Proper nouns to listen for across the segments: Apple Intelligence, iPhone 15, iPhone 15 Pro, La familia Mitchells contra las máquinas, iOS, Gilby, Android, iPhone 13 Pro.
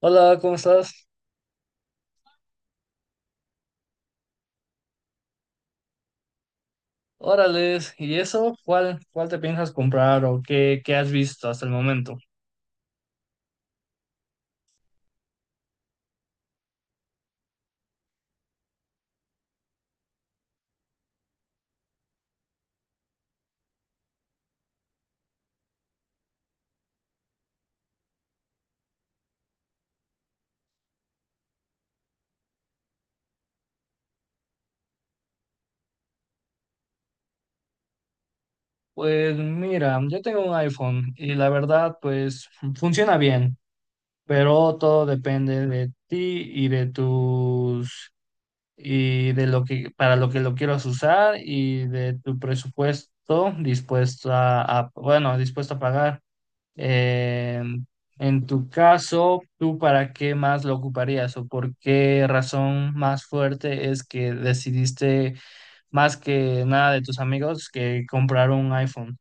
Hola, ¿cómo estás? Órales, ¿y eso? ¿Cuál te piensas comprar o qué has visto hasta el momento? Pues mira, yo tengo un iPhone y la verdad, pues funciona bien, pero todo depende de ti y de lo que para lo que lo quieras usar y de tu presupuesto dispuesto dispuesto a pagar. Eh, en tu caso, ¿tú para qué más lo ocuparías o por qué razón más fuerte es que decidiste, más que nada de tus amigos, que comprar un iPhone?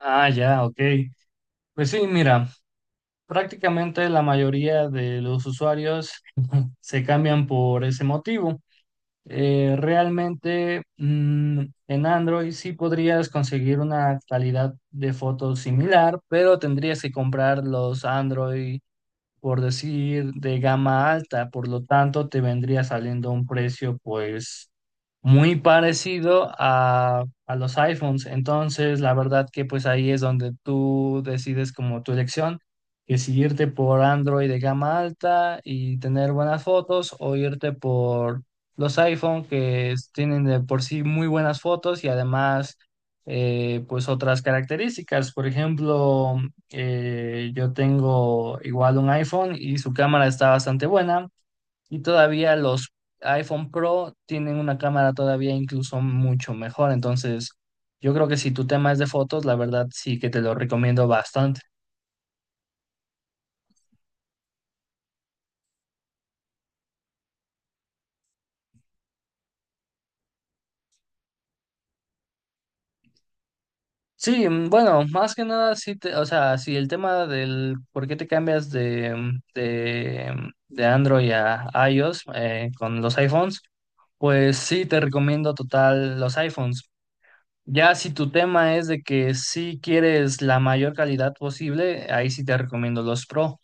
Ah, ya, ok. Pues sí, mira, prácticamente la mayoría de los usuarios se cambian por ese motivo. Realmente, en Android sí podrías conseguir una calidad de fotos similar, pero tendrías que comprar los Android, por decir, de gama alta, por lo tanto te vendría saliendo un precio pues muy parecido a los iPhones. Entonces, la verdad que pues ahí es donde tú decides como tu elección, que si irte por Android de gama alta y tener buenas fotos o irte por los iPhone tienen de por sí muy buenas fotos y además, pues otras características. Por ejemplo, yo tengo igual un iPhone y su cámara está bastante buena, y todavía los iPhone Pro tienen una cámara todavía incluso mucho mejor. Entonces, yo creo que si tu tema es de fotos, la verdad sí que te lo recomiendo bastante. Sí, bueno, más que nada, o sea, si el tema del por qué te cambias de Android a iOS con los iPhones, pues sí te recomiendo total los iPhones. Ya si tu tema es de que sí quieres la mayor calidad posible, ahí sí te recomiendo los Pro.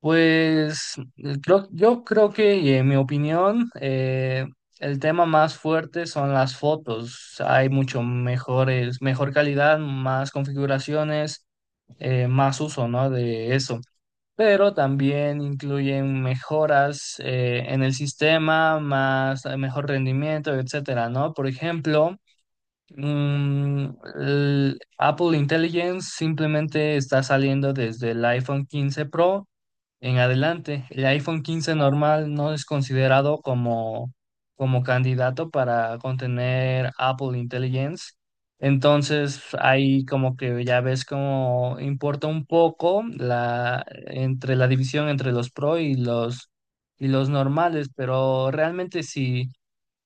Pues yo creo que, y en mi opinión, el tema más fuerte son las fotos. Hay mucho mejores, mejor calidad, más configuraciones, más uso, ¿no?, de eso. Pero también incluyen mejoras en el sistema, más, mejor rendimiento, etcétera, ¿no? Por ejemplo. Mm, el Apple Intelligence simplemente está saliendo desde el iPhone 15 Pro en adelante. El iPhone 15 normal no es considerado como, como candidato para contener Apple Intelligence. Entonces, ahí como que ya ves cómo importa un poco la, entre la división entre los Pro y y los normales, pero realmente sí.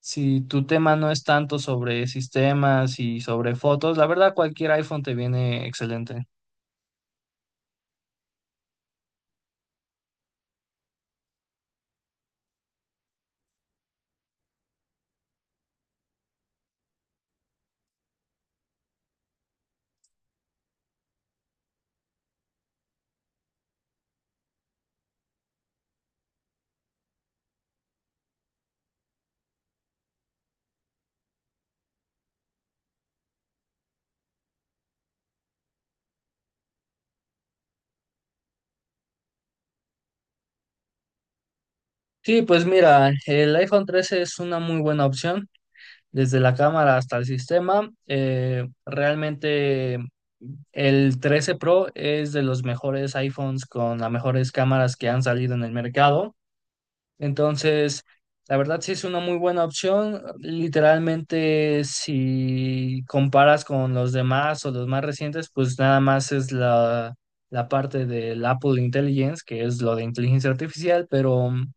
Si tu tema no es tanto sobre sistemas y sobre fotos, la verdad cualquier iPhone te viene excelente. Sí, pues mira, el iPhone 13 es una muy buena opción, desde la cámara hasta el sistema. Realmente el 13 Pro es de los mejores iPhones con las mejores cámaras que han salido en el mercado. Entonces, la verdad sí es una muy buena opción. Literalmente, si comparas con los demás o los más recientes, pues nada más es la parte del Apple Intelligence, que es lo de inteligencia artificial, pero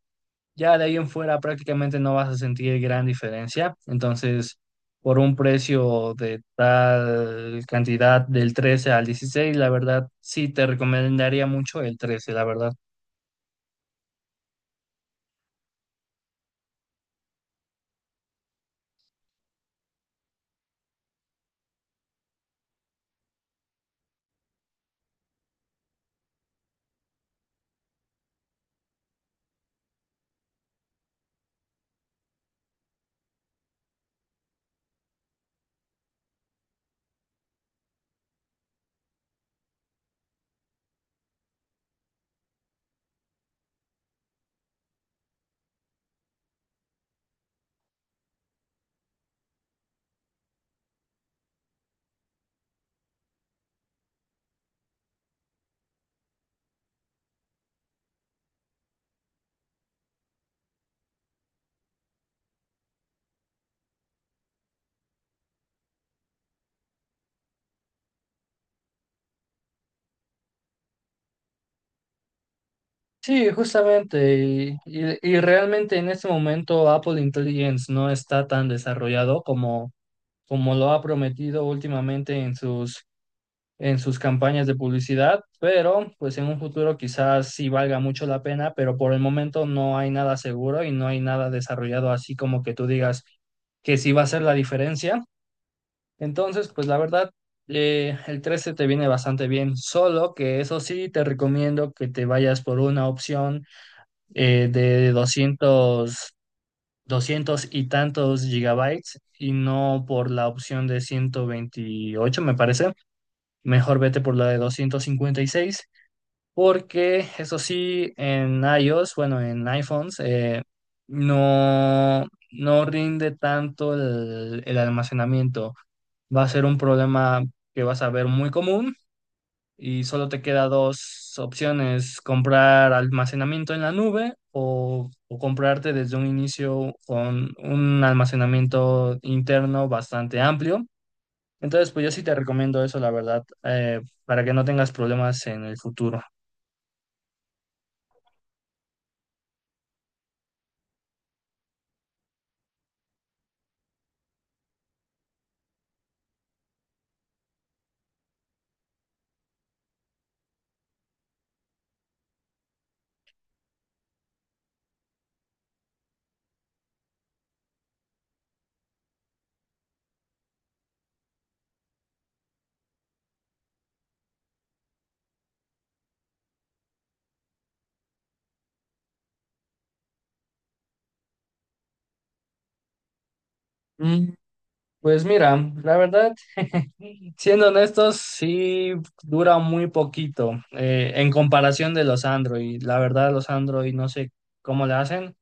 ya de ahí en fuera prácticamente no vas a sentir gran diferencia. Entonces, por un precio de tal cantidad del 13 al dieciséis, la verdad sí te recomendaría mucho el trece, la verdad. Sí, justamente, y realmente en este momento Apple Intelligence no está tan desarrollado como, como lo ha prometido últimamente en sus campañas de publicidad, pero pues en un futuro quizás sí valga mucho la pena, pero por el momento no hay nada seguro y no hay nada desarrollado así como que tú digas que sí va a ser la diferencia. Entonces, pues la verdad, el 13 te viene bastante bien, solo que eso sí te recomiendo que te vayas por una opción de doscientos, 200 y tantos gigabytes y no por la opción de ciento veintiocho, me parece. Mejor vete por la de doscientos cincuenta y seis, porque eso sí, en iOS, bueno, en iPhones, no rinde tanto el almacenamiento. Va a ser un problema que vas a ver muy común, y solo te queda dos opciones: comprar almacenamiento en la nube o comprarte desde un inicio con un almacenamiento interno bastante amplio. Entonces, pues yo sí te recomiendo eso, la verdad, para que no tengas problemas en el futuro. Mm, Pues mira, la verdad, siendo honestos, sí dura muy poquito en comparación de los Android. La verdad, los Android no sé cómo le hacen,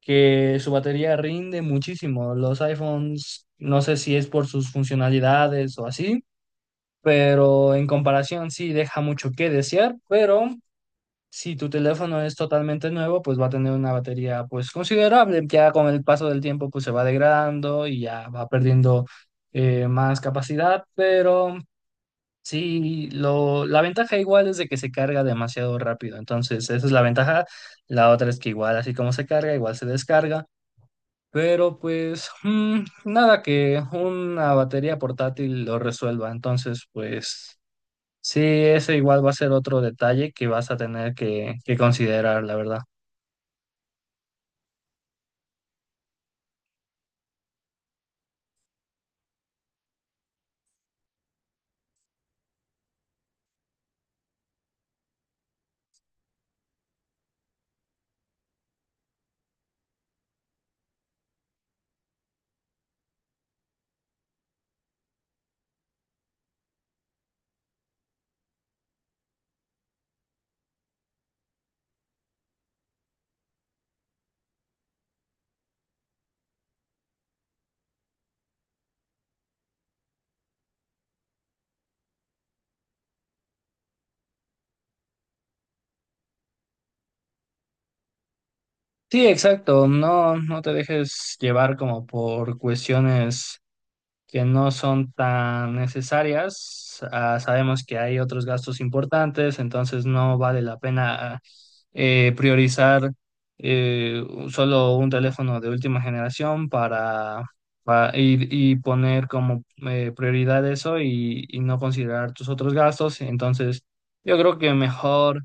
que su batería rinde muchísimo. Los iPhones, no sé si es por sus funcionalidades o así, pero en comparación sí deja mucho que desear. Pero si tu teléfono es totalmente nuevo, pues va a tener una batería pues considerable. Ya con el paso del tiempo pues se va degradando y ya va perdiendo más capacidad, pero... Sí, la ventaja igual es de que se carga demasiado rápido, entonces esa es la ventaja. La otra es que igual así como se carga, igual se descarga. Pero pues, nada que una batería portátil lo resuelva. Entonces, pues sí, ese igual va a ser otro detalle que vas a tener que considerar, la verdad. Sí, exacto. No, no te dejes llevar como por cuestiones que no son tan necesarias. Ah, sabemos que hay otros gastos importantes, entonces no vale la pena priorizar eh, solo un teléfono de última generación y poner como prioridad eso y no considerar tus otros gastos. Entonces, yo creo que mejor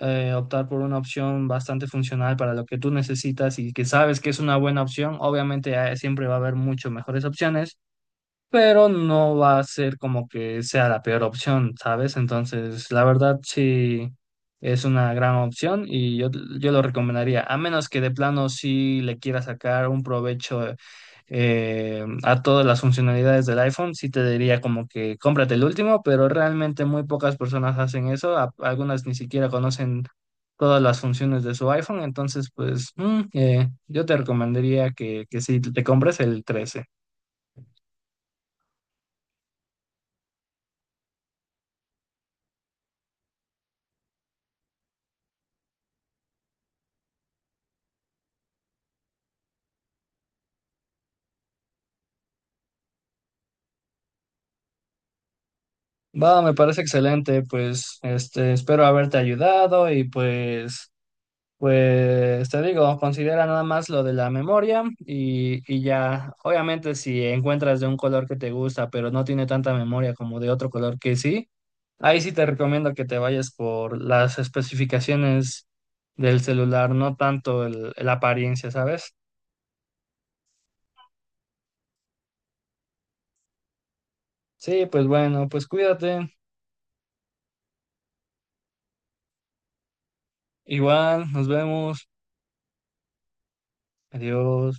optar por una opción bastante funcional para lo que tú necesitas y que sabes que es una buena opción. Obviamente, siempre va a haber mucho mejores opciones, pero no va a ser como que sea la peor opción, ¿sabes? Entonces, la verdad sí es una gran opción y yo lo recomendaría, a menos que de plano sí le quiera sacar un provecho a todas las funcionalidades del iPhone. Sí te diría como que cómprate el último, pero realmente muy pocas personas hacen eso. Algunas ni siquiera conocen todas las funciones de su iPhone, entonces pues, yo te recomendaría que sí te compres el 13. Va, me parece excelente, pues este, espero haberte ayudado, y pues, pues te digo, considera nada más lo de la memoria, y ya, obviamente si encuentras de un color que te gusta, pero no tiene tanta memoria como de otro color que sí, ahí sí te recomiendo que te vayas por las especificaciones del celular, no tanto la apariencia, ¿sabes? Sí, pues bueno, pues cuídate, igual, nos vemos, adiós.